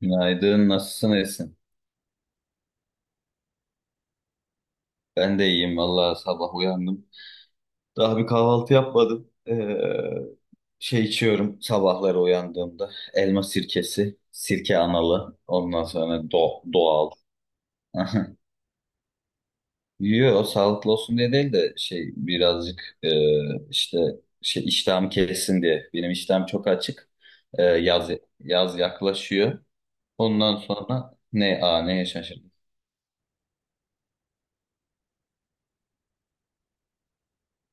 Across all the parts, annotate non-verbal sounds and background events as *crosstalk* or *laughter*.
Günaydın, nasılsın Esin? Ben de iyiyim vallahi sabah uyandım. Daha bir kahvaltı yapmadım. Şey içiyorum sabahları uyandığımda. Elma sirkesi, sirke analı. Ondan sonra doğal. *laughs* Yiyor, sağlıklı olsun diye değil de şey birazcık işte şey iştahım kesin diye. Benim iştahım çok açık. Ee, yaz yaz yaklaşıyor. Ondan sonra ne a neye şaşırdım.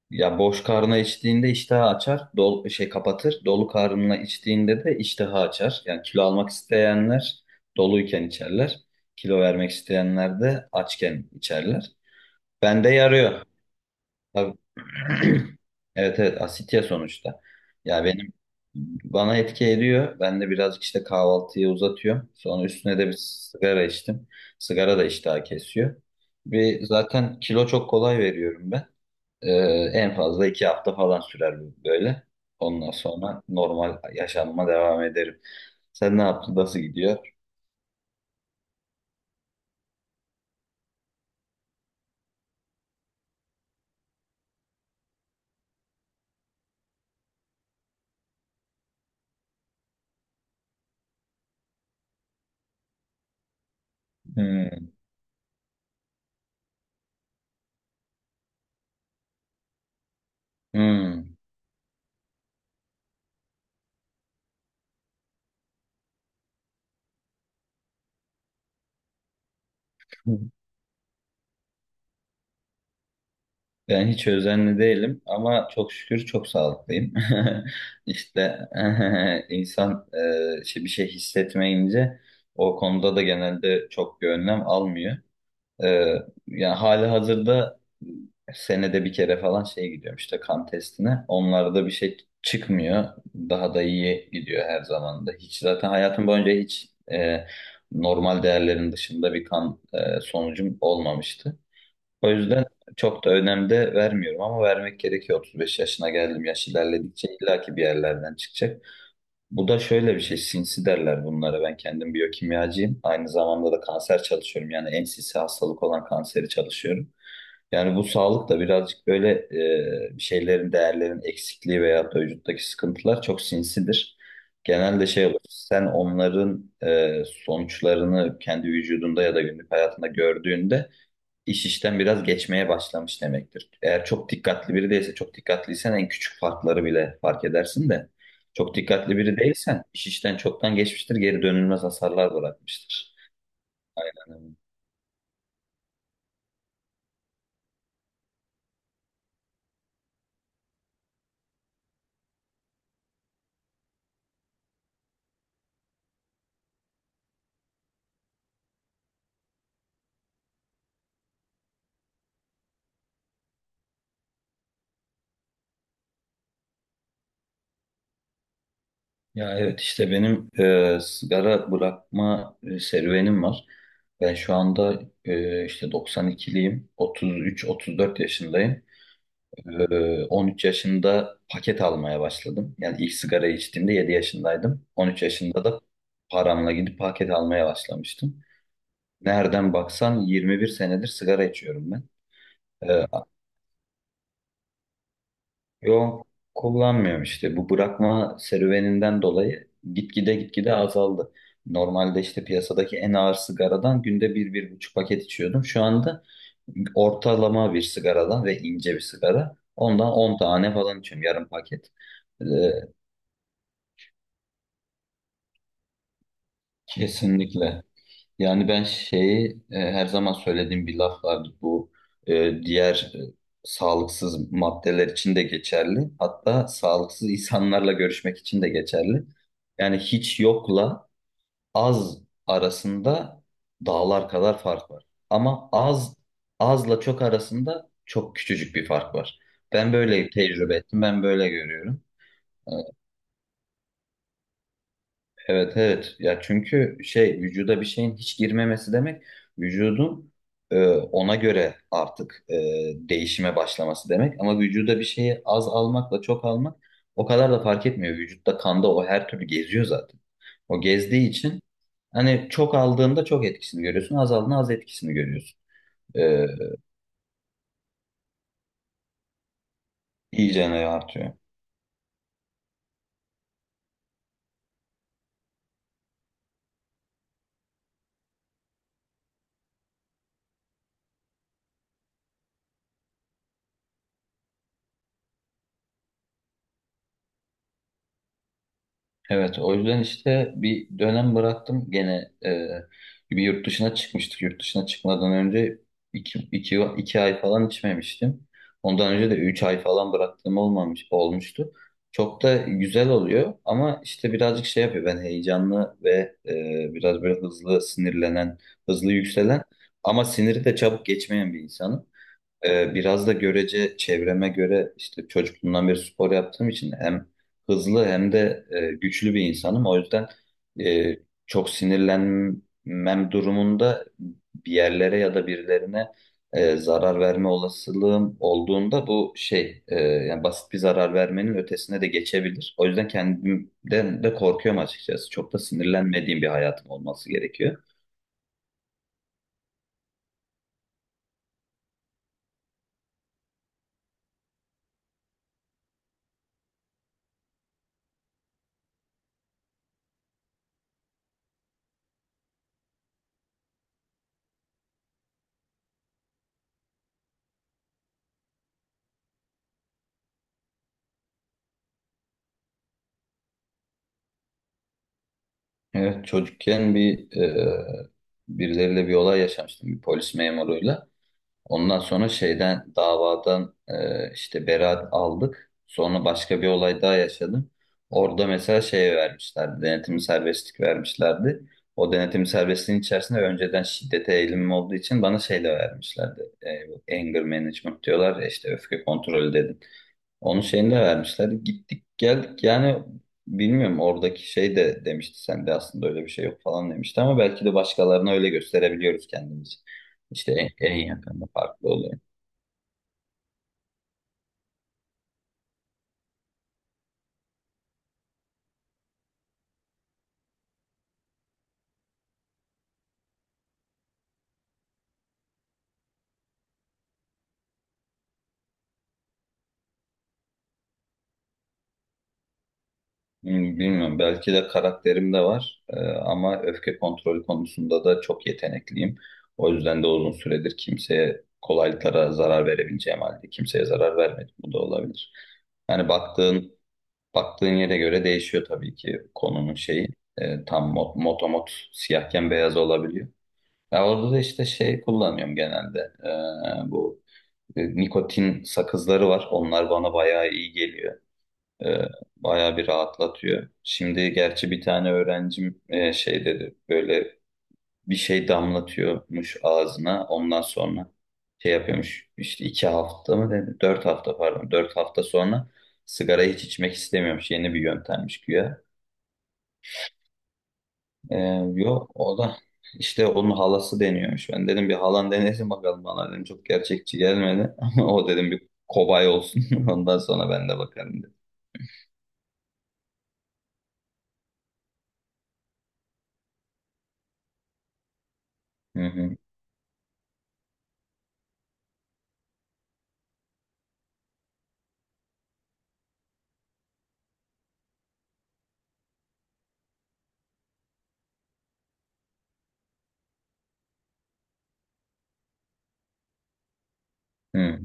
Ya boş karnına içtiğinde iştahı açar, şey kapatır. Dolu karnına içtiğinde de iştahı açar. Yani kilo almak isteyenler doluyken içerler. Kilo vermek isteyenler de açken içerler. Bende yarıyor. Tabii. *clears throat* Evet, evet, asit ya sonuçta. Ya benim bana etki ediyor. Ben de birazcık işte kahvaltıyı uzatıyorum. Sonra üstüne de bir sigara içtim. Sigara da iştahı kesiyor. Ve zaten kilo çok kolay veriyorum ben. En fazla 2 hafta falan sürer bu böyle. Ondan sonra normal yaşamıma devam ederim. Sen ne yaptın? Nasıl gidiyor? Hmm, hmm. *laughs* Ben hiç özenli değilim ama çok şükür çok sağlıklıyım. *laughs* İşte *laughs* insan işte bir şey hissetmeyince o konuda da genelde çok bir önlem almıyor. Ee, yani hali hazırda senede bir kere falan şey gidiyorum işte kan testine. Onlarda bir şey çıkmıyor. Daha da iyi gidiyor her zaman da. Hiç zaten hayatım boyunca hiç normal değerlerin dışında bir kan sonucum olmamıştı. O yüzden çok da önem de vermiyorum ama vermek gerekiyor. 35 yaşına geldim. Yaş ilerledikçe illaki bir yerlerden çıkacak. Bu da şöyle bir şey, sinsi derler bunlara. Ben kendim biyokimyacıyım. Aynı zamanda da kanser çalışıyorum. Yani en sinsi hastalık olan kanseri çalışıyorum. Yani bu sağlık da birazcık böyle bir şeylerin, değerlerin eksikliği veya da vücuttaki sıkıntılar çok sinsidir. Genelde şey olur, sen onların sonuçlarını kendi vücudunda ya da günlük hayatında gördüğünde iş işten biraz geçmeye başlamış demektir. Eğer çok dikkatli biri değilse, çok dikkatliysen en küçük farkları bile fark edersin de çok dikkatli biri değilsen iş işten çoktan geçmiştir, geri dönülmez hasarlar bırakmıştır. Yani, ya evet işte benim sigara bırakma serüvenim var. Ben şu anda işte 92'liyim, 33-34 yaşındayım. 13 yaşında paket almaya başladım. Yani ilk sigara içtiğimde 7 yaşındaydım. 13 yaşında da paramla gidip paket almaya başlamıştım. Nereden baksan 21 senedir sigara içiyorum ben. Ee, yok, kullanmıyorum işte. Bu bırakma serüveninden dolayı gitgide azaldı. Normalde işte piyasadaki en ağır sigaradan günde bir, 1,5 paket içiyordum. Şu anda ortalama bir sigaradan ve ince bir sigara. Ondan 10 tane falan içiyorum, yarım paket. Ee, Kesinlikle. Yani ben şeyi her zaman söylediğim bir laf vardı. Bu diğer sağlıksız maddeler için de geçerli. Hatta sağlıksız insanlarla görüşmek için de geçerli. Yani hiç yokla az arasında dağlar kadar fark var. Ama az, azla çok arasında çok küçücük bir fark var. Ben böyle tecrübe ettim. Ben böyle görüyorum. E, Evet, evet ya, çünkü şey vücuda bir şeyin hiç girmemesi demek vücudun ona göre artık değişime başlaması demek, ama vücuda bir şeyi az almakla çok almak o kadar da fark etmiyor. Vücutta, kanda o her türlü geziyor zaten. O gezdiği için hani çok aldığında çok etkisini görüyorsun, az aldığında az etkisini görüyorsun. e, iyice ne artıyor. Evet, o yüzden işte bir dönem bıraktım. Gene bir yurt dışına çıkmıştık. Yurt dışına çıkmadan önce 2 ay falan içmemiştim. Ondan önce de 3 ay falan bıraktığım olmamış, olmuştu. Çok da güzel oluyor ama işte birazcık şey yapıyor. Ben heyecanlı ve biraz böyle hızlı sinirlenen, hızlı yükselen ama siniri de çabuk geçmeyen bir insanım. Biraz da görece çevreme göre işte çocukluğumdan beri spor yaptığım için hem hızlı hem de güçlü bir insanım. O yüzden e, çok sinirlenmem durumunda bir yerlere ya da birilerine zarar verme olasılığım olduğunda bu şey yani basit bir zarar vermenin ötesine de geçebilir. O yüzden kendimden de korkuyorum açıkçası. Çok da sinirlenmediğim bir hayatım olması gerekiyor. Evet, çocukken bir birileriyle bir olay yaşamıştım, bir polis memuruyla. Ondan sonra şeyden, davadan işte beraat aldık. Sonra başka bir olay daha yaşadım. Orada mesela şey vermişlerdi, denetimli serbestlik vermişlerdi. O denetimli serbestliğin içerisinde önceden şiddete eğilimim olduğu için bana şey de vermişlerdi. Bu anger management diyorlar ya, işte öfke kontrolü dedim. Onun şeyini de vermişler. Gittik geldik yani, bilmiyorum, oradaki şey de demişti sende aslında öyle bir şey yok falan demişti, ama belki de başkalarına öyle gösterebiliyoruz kendimizi. İşte en yakında farklı oluyor. Hmm, bilmiyorum, belki de karakterim de var. Ama öfke kontrolü konusunda da çok yetenekliyim. O yüzden de uzun süredir kimseye kolaylıkla zarar verebileceğim halde kimseye zarar vermedim. Bu da olabilir. Yani baktığın yere göre değişiyor tabii ki konunun şeyi. Tam motomot siyahken beyaz olabiliyor. Ya orada da işte şey kullanıyorum genelde. Bu nikotin sakızları var. Onlar bana bayağı iyi geliyor. E, bayağı bir rahatlatıyor. Şimdi gerçi bir tane öğrencim şey dedi. Böyle bir şey damlatıyormuş ağzına. Ondan sonra şey yapıyormuş. İşte 2 hafta mı dedi? 4 hafta pardon. 4 hafta sonra sigara hiç içmek istemiyormuş. Yeni bir yöntemmiş güya. Ee, yok, o da işte onun halası deniyormuş. Ben dedim bir halan denesin bakalım bana dedim. Çok gerçekçi gelmedi. *laughs* Ama o dedim bir kobay olsun. *laughs* Ondan sonra ben de bakarım dedim. Hı hı, hı,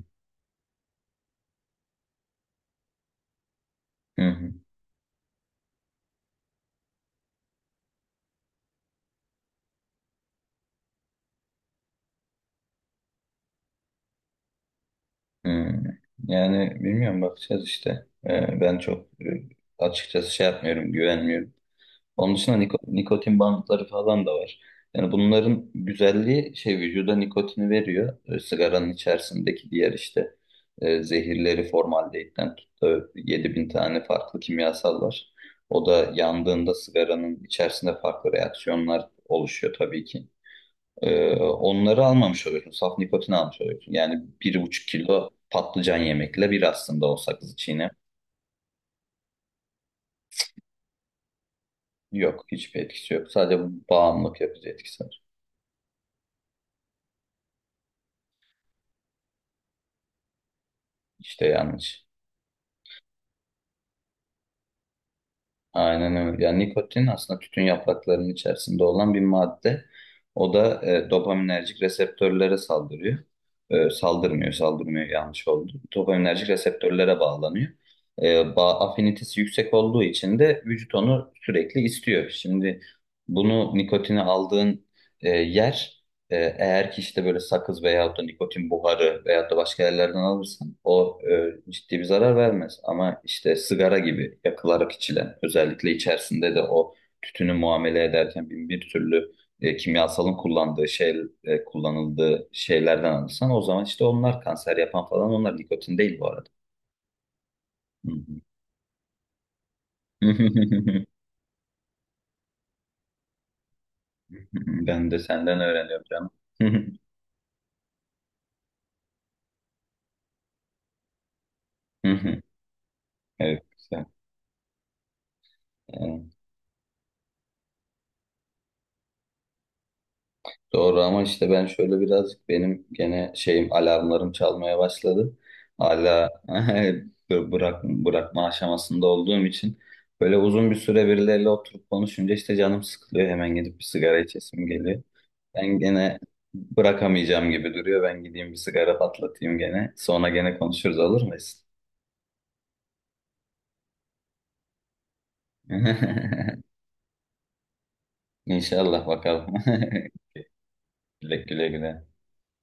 hı, hı, hı. Yani bilmiyorum, bakacağız işte. Ben çok açıkçası şey yapmıyorum, güvenmiyorum. Onun dışında nikotin bantları falan da var. Yani bunların güzelliği şey vücuda nikotini veriyor. Sigaranın içerisindeki diğer işte zehirleri, formaldehitten tut da 7.000 tane farklı kimyasal var. O da yandığında sigaranın içerisinde farklı reaksiyonlar oluşuyor tabii ki. Onları almamış oluyorsun. Saf nikotini almış oluyorsun. Yani 1,5 kilo patlıcan yemekle bir, aslında o sakızı çiğne. Yok, hiçbir etkisi yok. Sadece bağımlılık yapıcı etkisi var. İşte yanlış. Aynen öyle. Yani nikotin aslında tütün yapraklarının içerisinde olan bir madde. O da dopaminerjik reseptörlere saldırıyor. Saldırmıyor, saldırmıyor yanlış oldu. Dopaminerjik reseptörlere bağlanıyor. Afinitesi yüksek olduğu için de vücut onu sürekli istiyor. Şimdi bunu, nikotini aldığın yer, eğer ki işte böyle sakız veyahut da nikotin buharı veyahut da başka yerlerden alırsan o ciddi bir zarar vermez. Ama işte sigara gibi yakılarak içilen, özellikle içerisinde de o tütünü muamele ederken bin bir türlü kimyasalın kullanıldığı şeylerden alırsan, o zaman işte onlar kanser yapan falan, onlar nikotin değil bu arada. Hı hı. *laughs* Ben de senden öğreniyorum canım. *laughs* Evet, güzel. Ee, Doğru, ama işte ben şöyle birazcık, benim gene şeyim, alarmlarım çalmaya başladı. Hala *laughs* bırakma aşamasında olduğum için böyle uzun bir süre birileriyle oturup konuşunca işte canım sıkılıyor. Hemen gidip bir sigara içesim geliyor. Ben gene bırakamayacağım gibi duruyor. Ben gideyim bir sigara patlatayım gene. Sonra gene konuşuruz, olur mu? *laughs* İnşallah, bakalım. *laughs* Güle güle güle.